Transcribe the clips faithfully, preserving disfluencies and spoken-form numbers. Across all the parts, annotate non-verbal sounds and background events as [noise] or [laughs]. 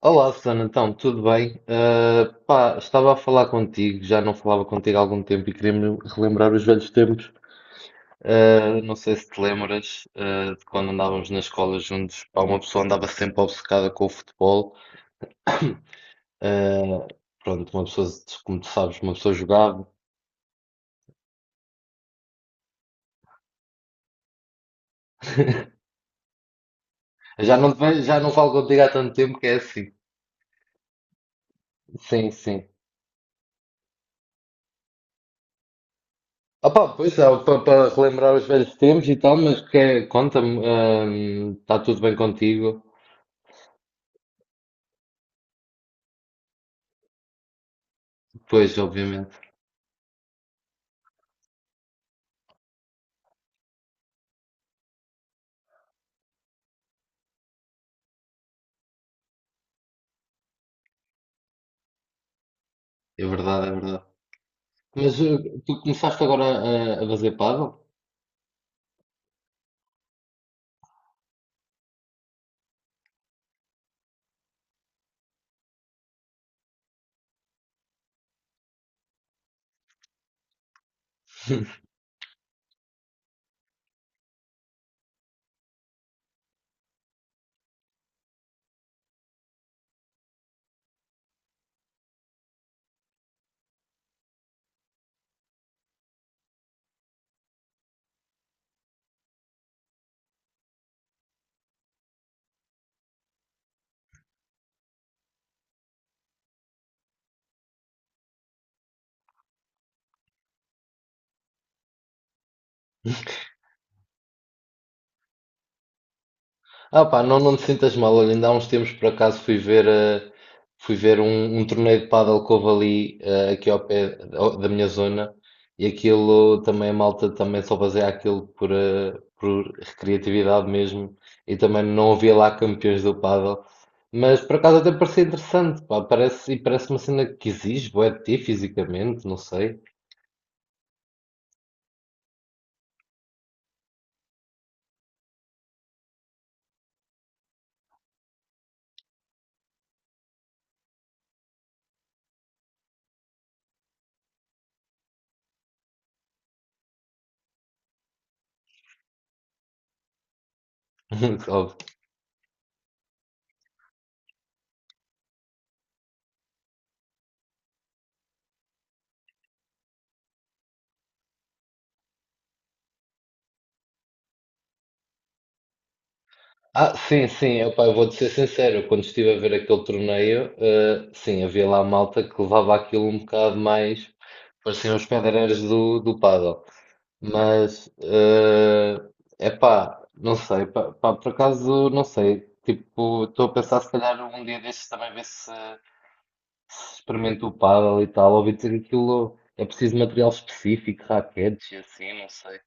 Olá, Susana, então, tudo bem? Ah, pá, estava a falar contigo, já não falava contigo há algum tempo e queria-me relembrar os velhos tempos. Ah, não sei se te lembras, ah, de quando andávamos na escola juntos, pá, uma pessoa andava sempre obcecada com o futebol. Ah, pronto, uma pessoa, como tu sabes, uma pessoa jogava. [laughs] Já não, te vejo- já não falo contigo há tanto tempo que é assim. Sim, sim. Opa, pois é, para relembrar os velhos tempos e tal, mas que, é, conta-me, ah, está tudo bem contigo? Pois, obviamente. É verdade, é verdade. Mas eh, tu começaste agora a, a fazer paddle? [laughs] Ah pá, não, não te sintas mal. Olha, ainda há uns tempos por acaso fui ver, eh, fui ver um, um torneio de paddle que houve ali, eh, aqui ao pé da da minha zona e aquilo também a malta também só fazia aquilo por, eh, por recreatividade mesmo e também não havia lá campeões do paddle. Mas por acaso até parecia interessante, pá, parece, e parece uma cena que exige, bué de ti fisicamente, não sei. [laughs] Ah, sim, sim, opá, eu vou-te ser sincero, eu quando estive a ver aquele torneio, eh, sim, havia lá malta que levava aquilo um bocado mais, pareciam os pedreiros do, do pádel, mas, é epá, não sei, pá, pá, por acaso, não sei, tipo, estou a pensar se calhar um dia destes também ver se, se experimento o pádel e tal, ouvi dizer que aquilo é preciso material específico, raquetes e assim, não sei.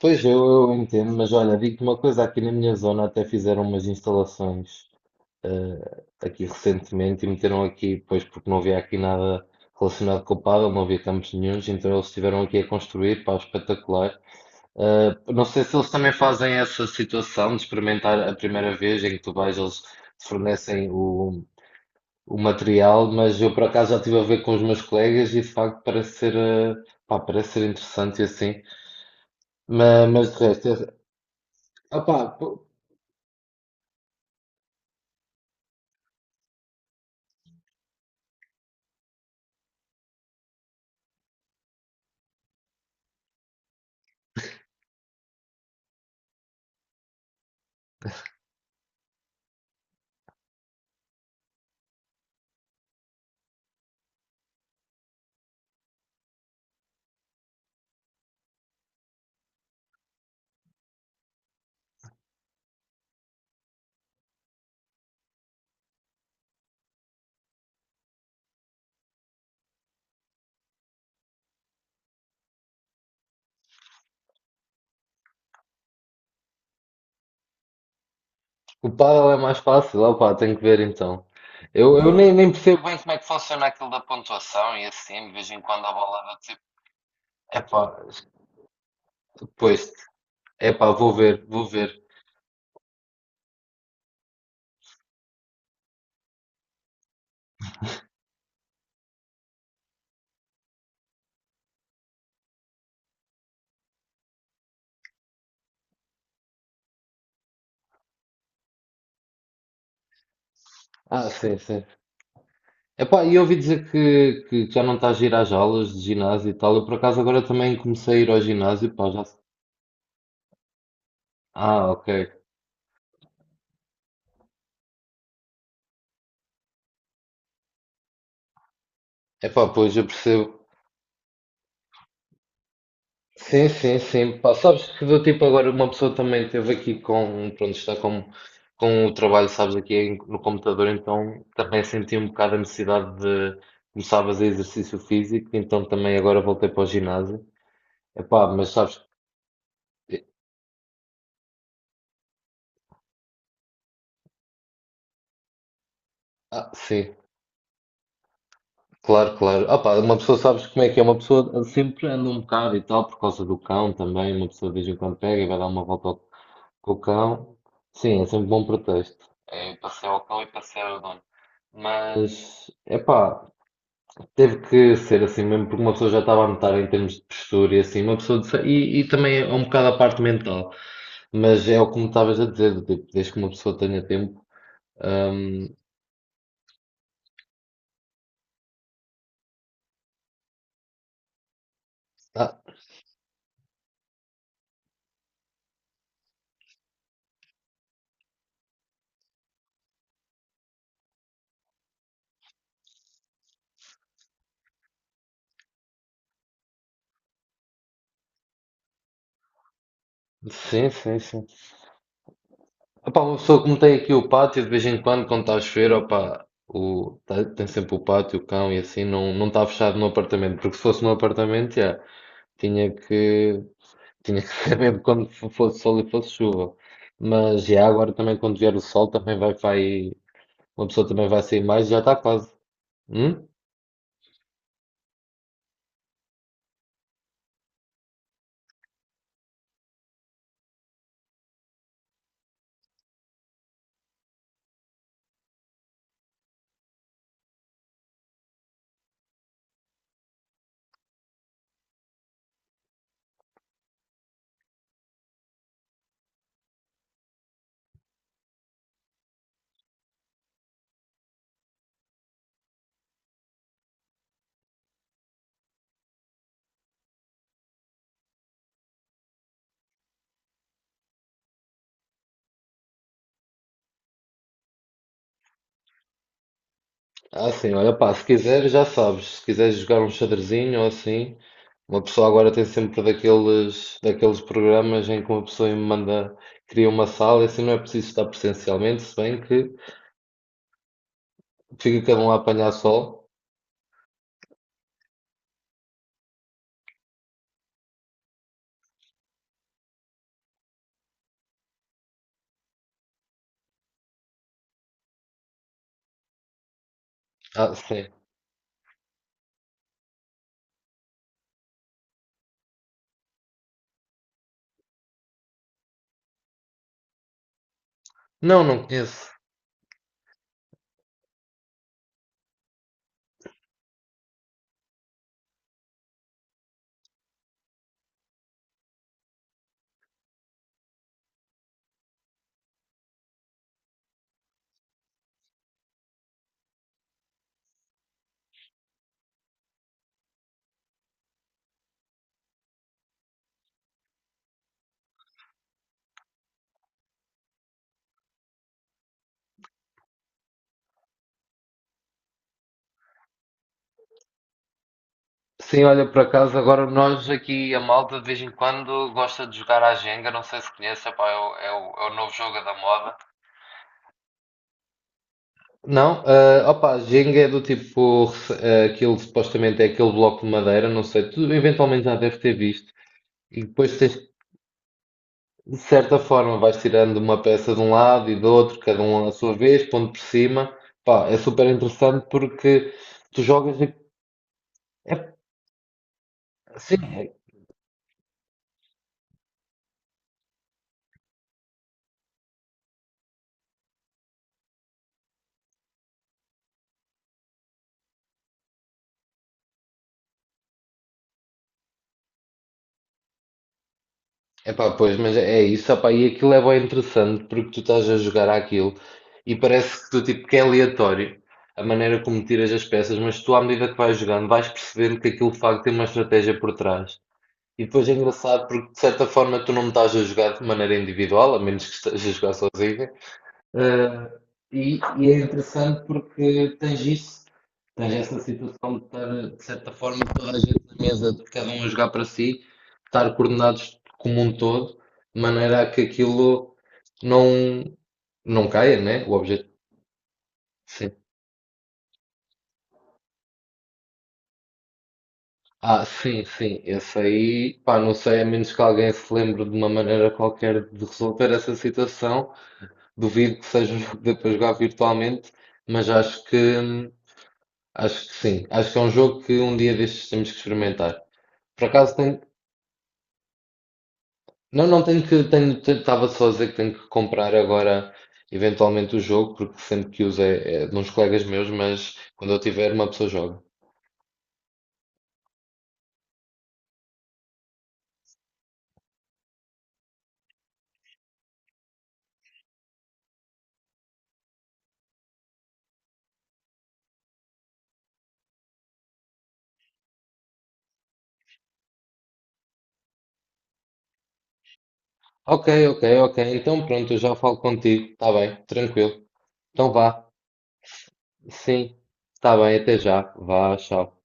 Pois eu, eu entendo, mas olha, digo-te uma coisa, aqui na minha zona até fizeram umas instalações aqui recentemente e meteram aqui, pois porque não havia aqui nada relacionado com o pádel, não havia campos nenhuns, então eles estiveram aqui a construir, pá, espetacular. Ah, não sei se eles também fazem essa situação de experimentar a primeira vez em que tu vais, eles te fornecem o, o material, mas eu por acaso já estive a ver com os meus colegas e de facto parece ser, ah, pá, parece ser interessante e assim, mas, mas de resto, é- Opá, o pádel é mais fácil, opá, tenho que ver então. Eu, eu nem, nem percebo bem como é que funciona aquilo da pontuação e assim, de vez em quando a bola dá tipo, epá, depois, epá, vou ver, vou ver. Ah, sim, sim. Epá, e ouvi dizer que, que já não estás a ir às aulas de ginásio e tal, eu por acaso agora também comecei a ir ao ginásio, pá, já. Ah, ok. Epá, pois, eu percebo. Sim, sim, sim. Pá, sabes que do tipo agora uma pessoa também teve aqui com, pronto, está com, com o trabalho, sabes, aqui em- no computador, então também senti um bocado a necessidade de começar a fazer exercício físico, então também agora voltei para o ginásio. Epá, mas sabes, que- ah, sim, claro, claro. Ah, pá, uma pessoa sabes como é que é, uma pessoa sempre anda um bocado e tal, por causa do cão também, uma pessoa de vez em quando pega e vai dar uma volta ao. Com o cão, sim, é sempre bom pretexto. É passeio o cão e passeio o dono. Mas, epá, teve que ser assim mesmo, porque uma pessoa já estava a notar em termos de postura e assim, uma pessoa de, e, e também é um bocado a parte mental, mas é o que me estavas a dizer, do tipo, desde que uma pessoa tenha tempo. Hum. Ah, sim, sim, sim. Epá, uma pessoa como tem aqui o pátio, de vez em quando, quando está a chover, opá, o, tá- tem sempre o pátio, o cão e assim, não, não está fechado no apartamento, porque se fosse no apartamento, já, tinha que, tinha que [laughs] saber quando fo- fosse sol e fosse chuva. Mas já agora também quando vier o sol também vai, vai, uma pessoa também vai sair mais, já está quase. Hum? Ah, sim, olha pá, se quiseres já sabes, se quiseres jogar um xadrezinho ou assim, uma pessoa agora tem sempre daqueles, daqueles, programas em que uma pessoa me manda, cria uma sala, e assim não é preciso estar presencialmente, se bem que fica cada um a apanhar sol. Ah, sim. Não, não conheço. Sim, olha, por acaso agora nós aqui, a malta de vez em quando gosta de jogar à Jenga, não sei se conhece, epá, é, o, é o- é o novo jogo da moda. Não, ah, opa, Jenga é do tipo, rece- ah, aquilo supostamente é aquele bloco de madeira, não sei, tu eventualmente já deve ter visto. E depois tens, de certa forma, vais tirando uma peça de um lado e do outro, cada um à sua vez, pondo por cima. Pá, é super interessante porque tu jogas. e- É, sim, epá, pois, mas é é isso, opá, e aquilo é bem interessante porque tu estás a jogar àquilo e parece que tu, tipo, que é aleatório a maneira como tiras as peças, mas tu, à medida que vais jogando, vais percebendo que aquilo de facto tem uma estratégia por trás. E depois é engraçado porque, de certa forma, tu não estás a jogar de maneira individual, a menos que estejas a jogar sozinho, eh, e, e é interessante porque tens isso, tens essa situação de estar, de certa forma, toda a gente na mesa, de cada um a jogar para si, estar coordenados como um todo, de maneira a que aquilo não, não caia, né? O objeto. Sim. Ah, sim, sim. Esse aí, pá, não sei, a menos que alguém se lembre de uma maneira qualquer de resolver essa situação, duvido que seja [laughs] um jogo que dê para jogar virtualmente, mas acho que. hum, Acho que sim. Acho que é um jogo que um dia destes temos que experimentar. Por acaso tenho. Não, não tenho que. Tenho, estava só a dizer que tenho que comprar agora, eventualmente, o jogo, porque sempre que uso é, é de uns colegas meus, mas quando eu tiver, uma pessoa joga. Ok, ok, ok. Então pronto, eu já falo contigo. Está bem, tranquilo. Então vá. Sim, está bem, até já. Vá, tchau.